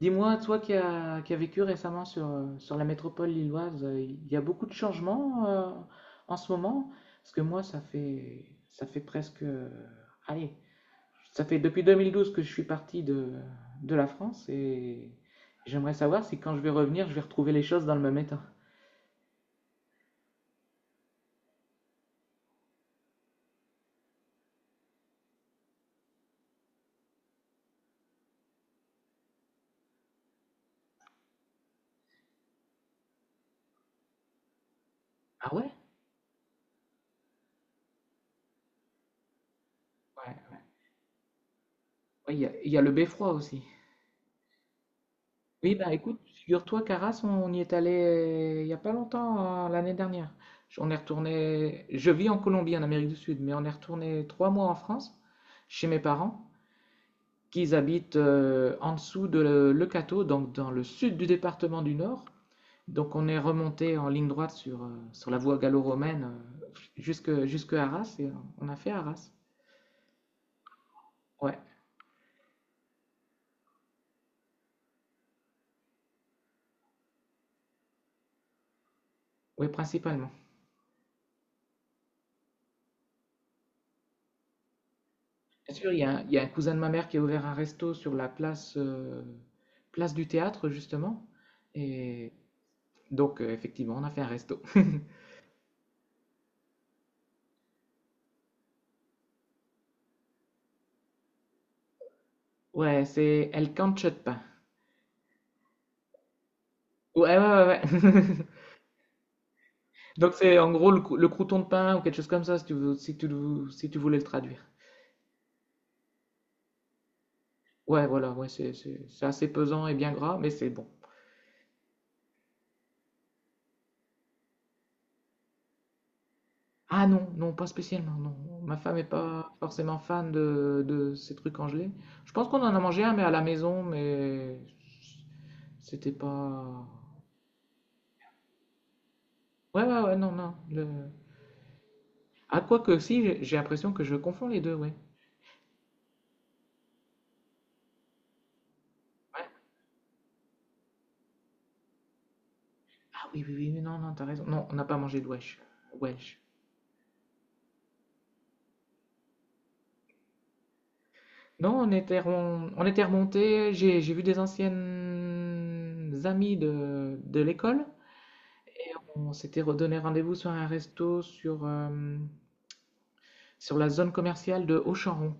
Dis-moi, toi qui as vécu récemment sur, sur la métropole lilloise, il y a beaucoup de changements en ce moment? Parce que moi, ça fait allez, ça fait depuis 2012 que je suis parti de la France, et j'aimerais savoir si quand je vais revenir, je vais retrouver les choses dans le même état. Ah ouais? Ouais, ouais, il y a le beffroi aussi. Oui, bah écoute, figure-toi qu'Arras, on y est allé il n'y a pas longtemps, l'année dernière. On est retourné, je vis en Colombie, en Amérique du Sud, mais on est retourné trois mois en France, chez mes parents, qui habitent en dessous de Le Cateau, donc dans le sud du département du Nord. Donc on est remonté en ligne droite sur, sur la voie gallo-romaine, euh, jusque Arras, et on a fait Arras. Ouais, ouais, principalement. Bien sûr, il y a un cousin de ma mère qui a ouvert un resto sur la place, place du théâtre, justement. Et donc, effectivement, on a fait un resto. Ouais, c'est El cancho de pain. Ouais, ouais, ouais, ouais. Donc, c'est en gros le crouton de pain ou quelque chose comme ça, si tu, si tu voulais le traduire. Ouais, voilà, ouais, c'est assez pesant et bien gras, mais c'est bon. Ah non, non, pas spécialement, non. Ma femme est pas forcément fan de ces trucs congelés. Je pense qu'on en a mangé un, mais à la maison, mais c'était pas... Ouais, ouais, ouais, non, non. Le... Ah, quoi que si, j'ai l'impression que je confonds les deux, ouais. Ouais. Ah oui, oui, oui, oui, non, non, t'as raison. Non, on n'a pas mangé de Welsh. Welsh. Non, on était remonté. J'ai vu des anciennes amies de l'école. On s'était redonné rendez-vous sur un resto sur, sur la zone commerciale de Auchenronc.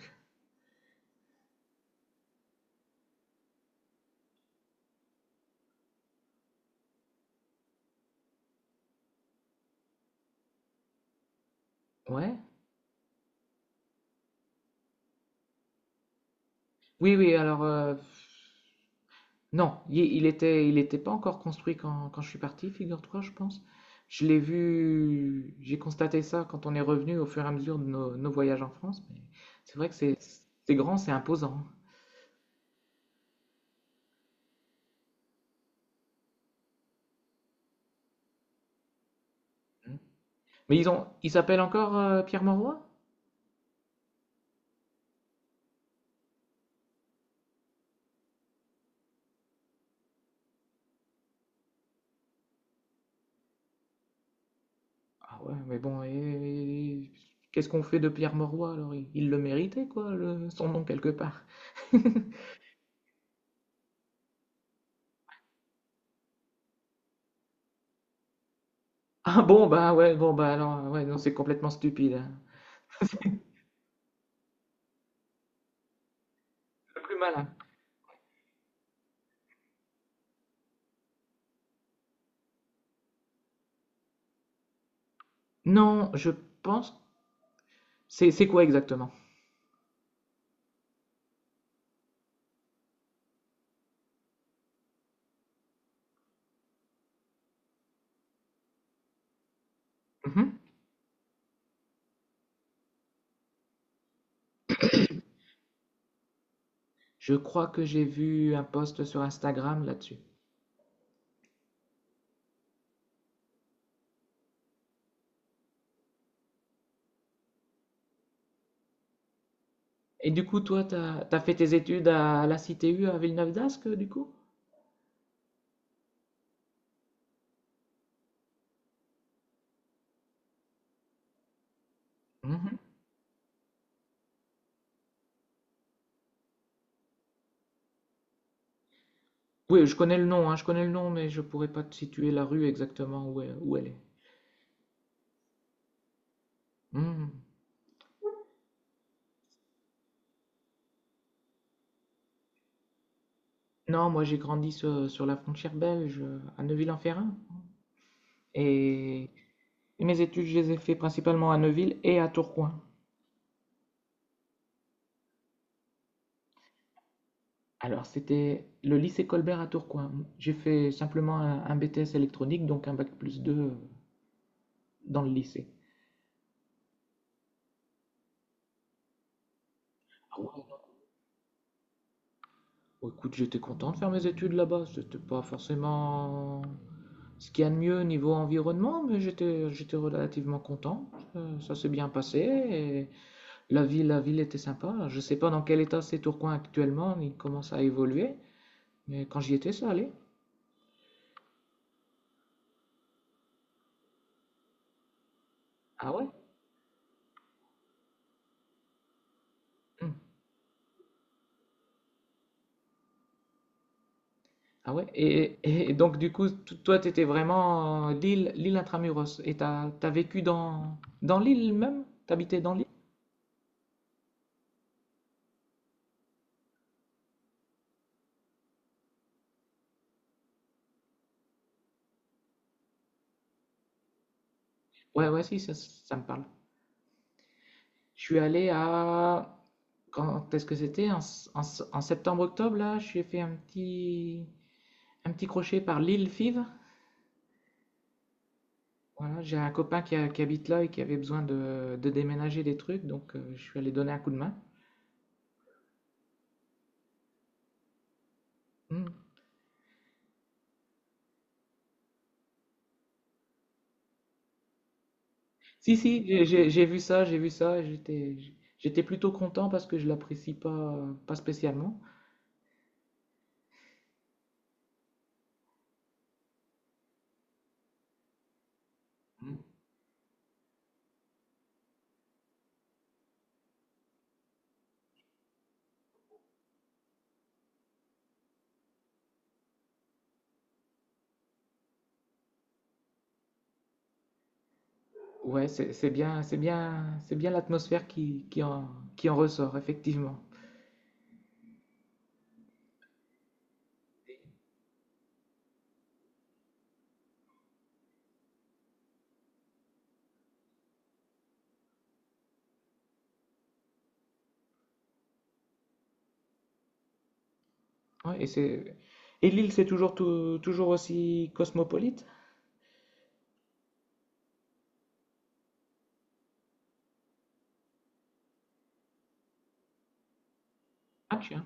Ouais. Oui, oui, non, il était pas encore construit quand je suis parti, figure-toi, je pense. Je l'ai vu, j'ai constaté ça quand on est revenu au fur et à mesure de nos, nos voyages en France. Mais c'est vrai que c'est grand, c'est imposant. Hein. Mais ils ont, ils s'appellent encore Pierre Mauroy? Ah ouais, mais bon, qu'est-ce qu'on fait de Pierre Mauroy alors? Il le méritait, quoi, son nom quelque part. Ah bon, bah ouais, bon, bah alors, ouais, non, c'est complètement stupide. Hein. Le plus malin. Non, je pense. C'est quoi exactement? Mhm. Je crois que j'ai vu un post sur Instagram là-dessus. Et du coup, toi, t'as fait tes études à la CTU à Villeneuve-d'Ascq, du coup? Mhm. Oui, je connais le nom, hein, je connais le nom, mais je pourrais pas te situer la rue exactement où elle est. Mhm. Non, moi j'ai grandi sur, sur la frontière belge, à Neuville-en-Ferrain. Et mes études, je les ai fait principalement à Neuville et à Tourcoing. Alors, c'était le lycée Colbert à Tourcoing. J'ai fait simplement un BTS électronique, donc un bac plus 2 dans le lycée. Ah ouais, non. Bon, écoute, j'étais content de faire mes études là-bas. C'était pas forcément ce qu'il y a de mieux niveau environnement, mais j'étais relativement content. Ça s'est bien passé. Et la ville était sympa. Je sais pas dans quel état c'est Tourcoing actuellement. Il commence à évoluer, mais quand j'y étais, ça allait. Ah ouais? Hmm. Ah ouais, et donc du coup, toi, tu étais vraiment Lille l'île Intramuros, et t'as vécu dans, dans Lille même? T'habitais dans Lille. Ouais, ouais, si, ça me parle. Je suis allé à... Quand est-ce que c'était? En septembre-octobre, là, j'ai fait un petit crochet par Lille Fives. Voilà, j'ai un copain qui habite là et qui avait besoin de déménager des trucs, donc je suis allé donner un coup de main. Hmm. Si, si, j'ai vu ça, j'étais, j'étais plutôt content parce que je l'apprécie pas, pas spécialement. Hmm. Ouais, c'est bien, c'est bien, c'est bien l'atmosphère qui en ressort, effectivement. Ouais, et c'est, et l'île, c'est toujours, toujours aussi cosmopolite? Ah, tiens.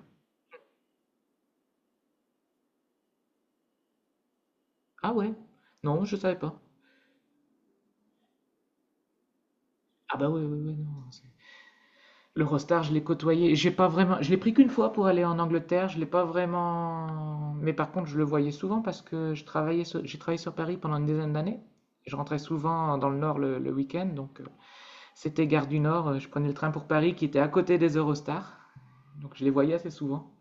Ah ouais, non, je savais pas. Ah bah oui, oui, oui, non. L'Eurostar, je l'ai côtoyé. J'ai pas vraiment, je l'ai pris qu'une fois pour aller en Angleterre. Je l'ai pas vraiment. Mais par contre, je le voyais souvent parce que j'ai travaillé sur Paris pendant une dizaine d'années. Je rentrais souvent dans le Nord le week-end, donc c'était gare du Nord. Je prenais le train pour Paris qui était à côté des Eurostars, donc je les voyais assez souvent.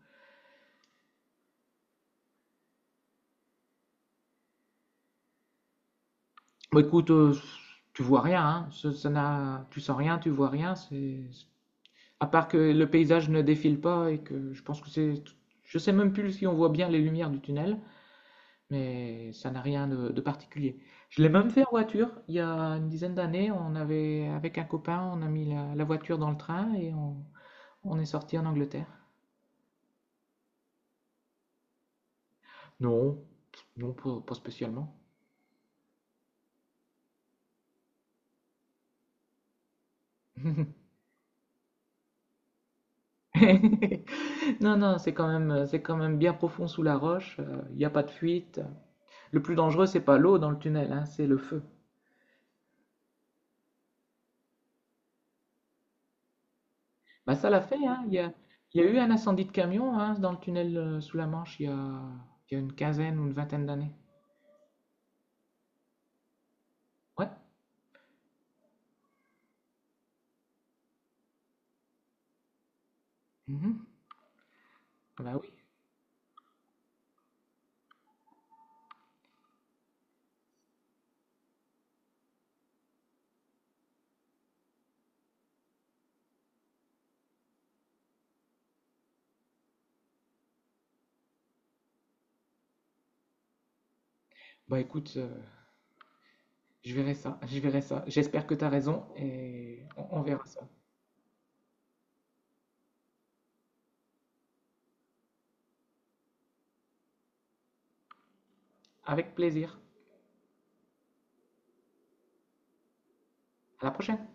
Bon, écoute, tu vois rien, hein. Ça n'a, tu sens rien, tu vois rien. C'est, à part que le paysage ne défile pas, et que je pense que c'est, je sais même plus si on voit bien les lumières du tunnel. Mais ça n'a rien de, de particulier. Je l'ai même fait en voiture. Il y a une dizaine d'années, on avait, avec un copain, on a mis la, la voiture dans le train et on est sorti en Angleterre. Non, non, pas, pas spécialement. Non, non, c'est quand même bien profond sous la roche. Il n'y a pas de fuite. Le plus dangereux, c'est pas l'eau dans le tunnel, hein, c'est le feu. Bah, ça l'a fait, hein. Il y a eu un incendie de camion, hein, dans le tunnel sous la Manche il y a une quinzaine ou une vingtaine d'années. Ouais. Mhm. Bah oui. Bah écoute, je verrai ça, je verrai ça. J'espère que tu as raison et on verra ça. Avec plaisir. À la prochaine.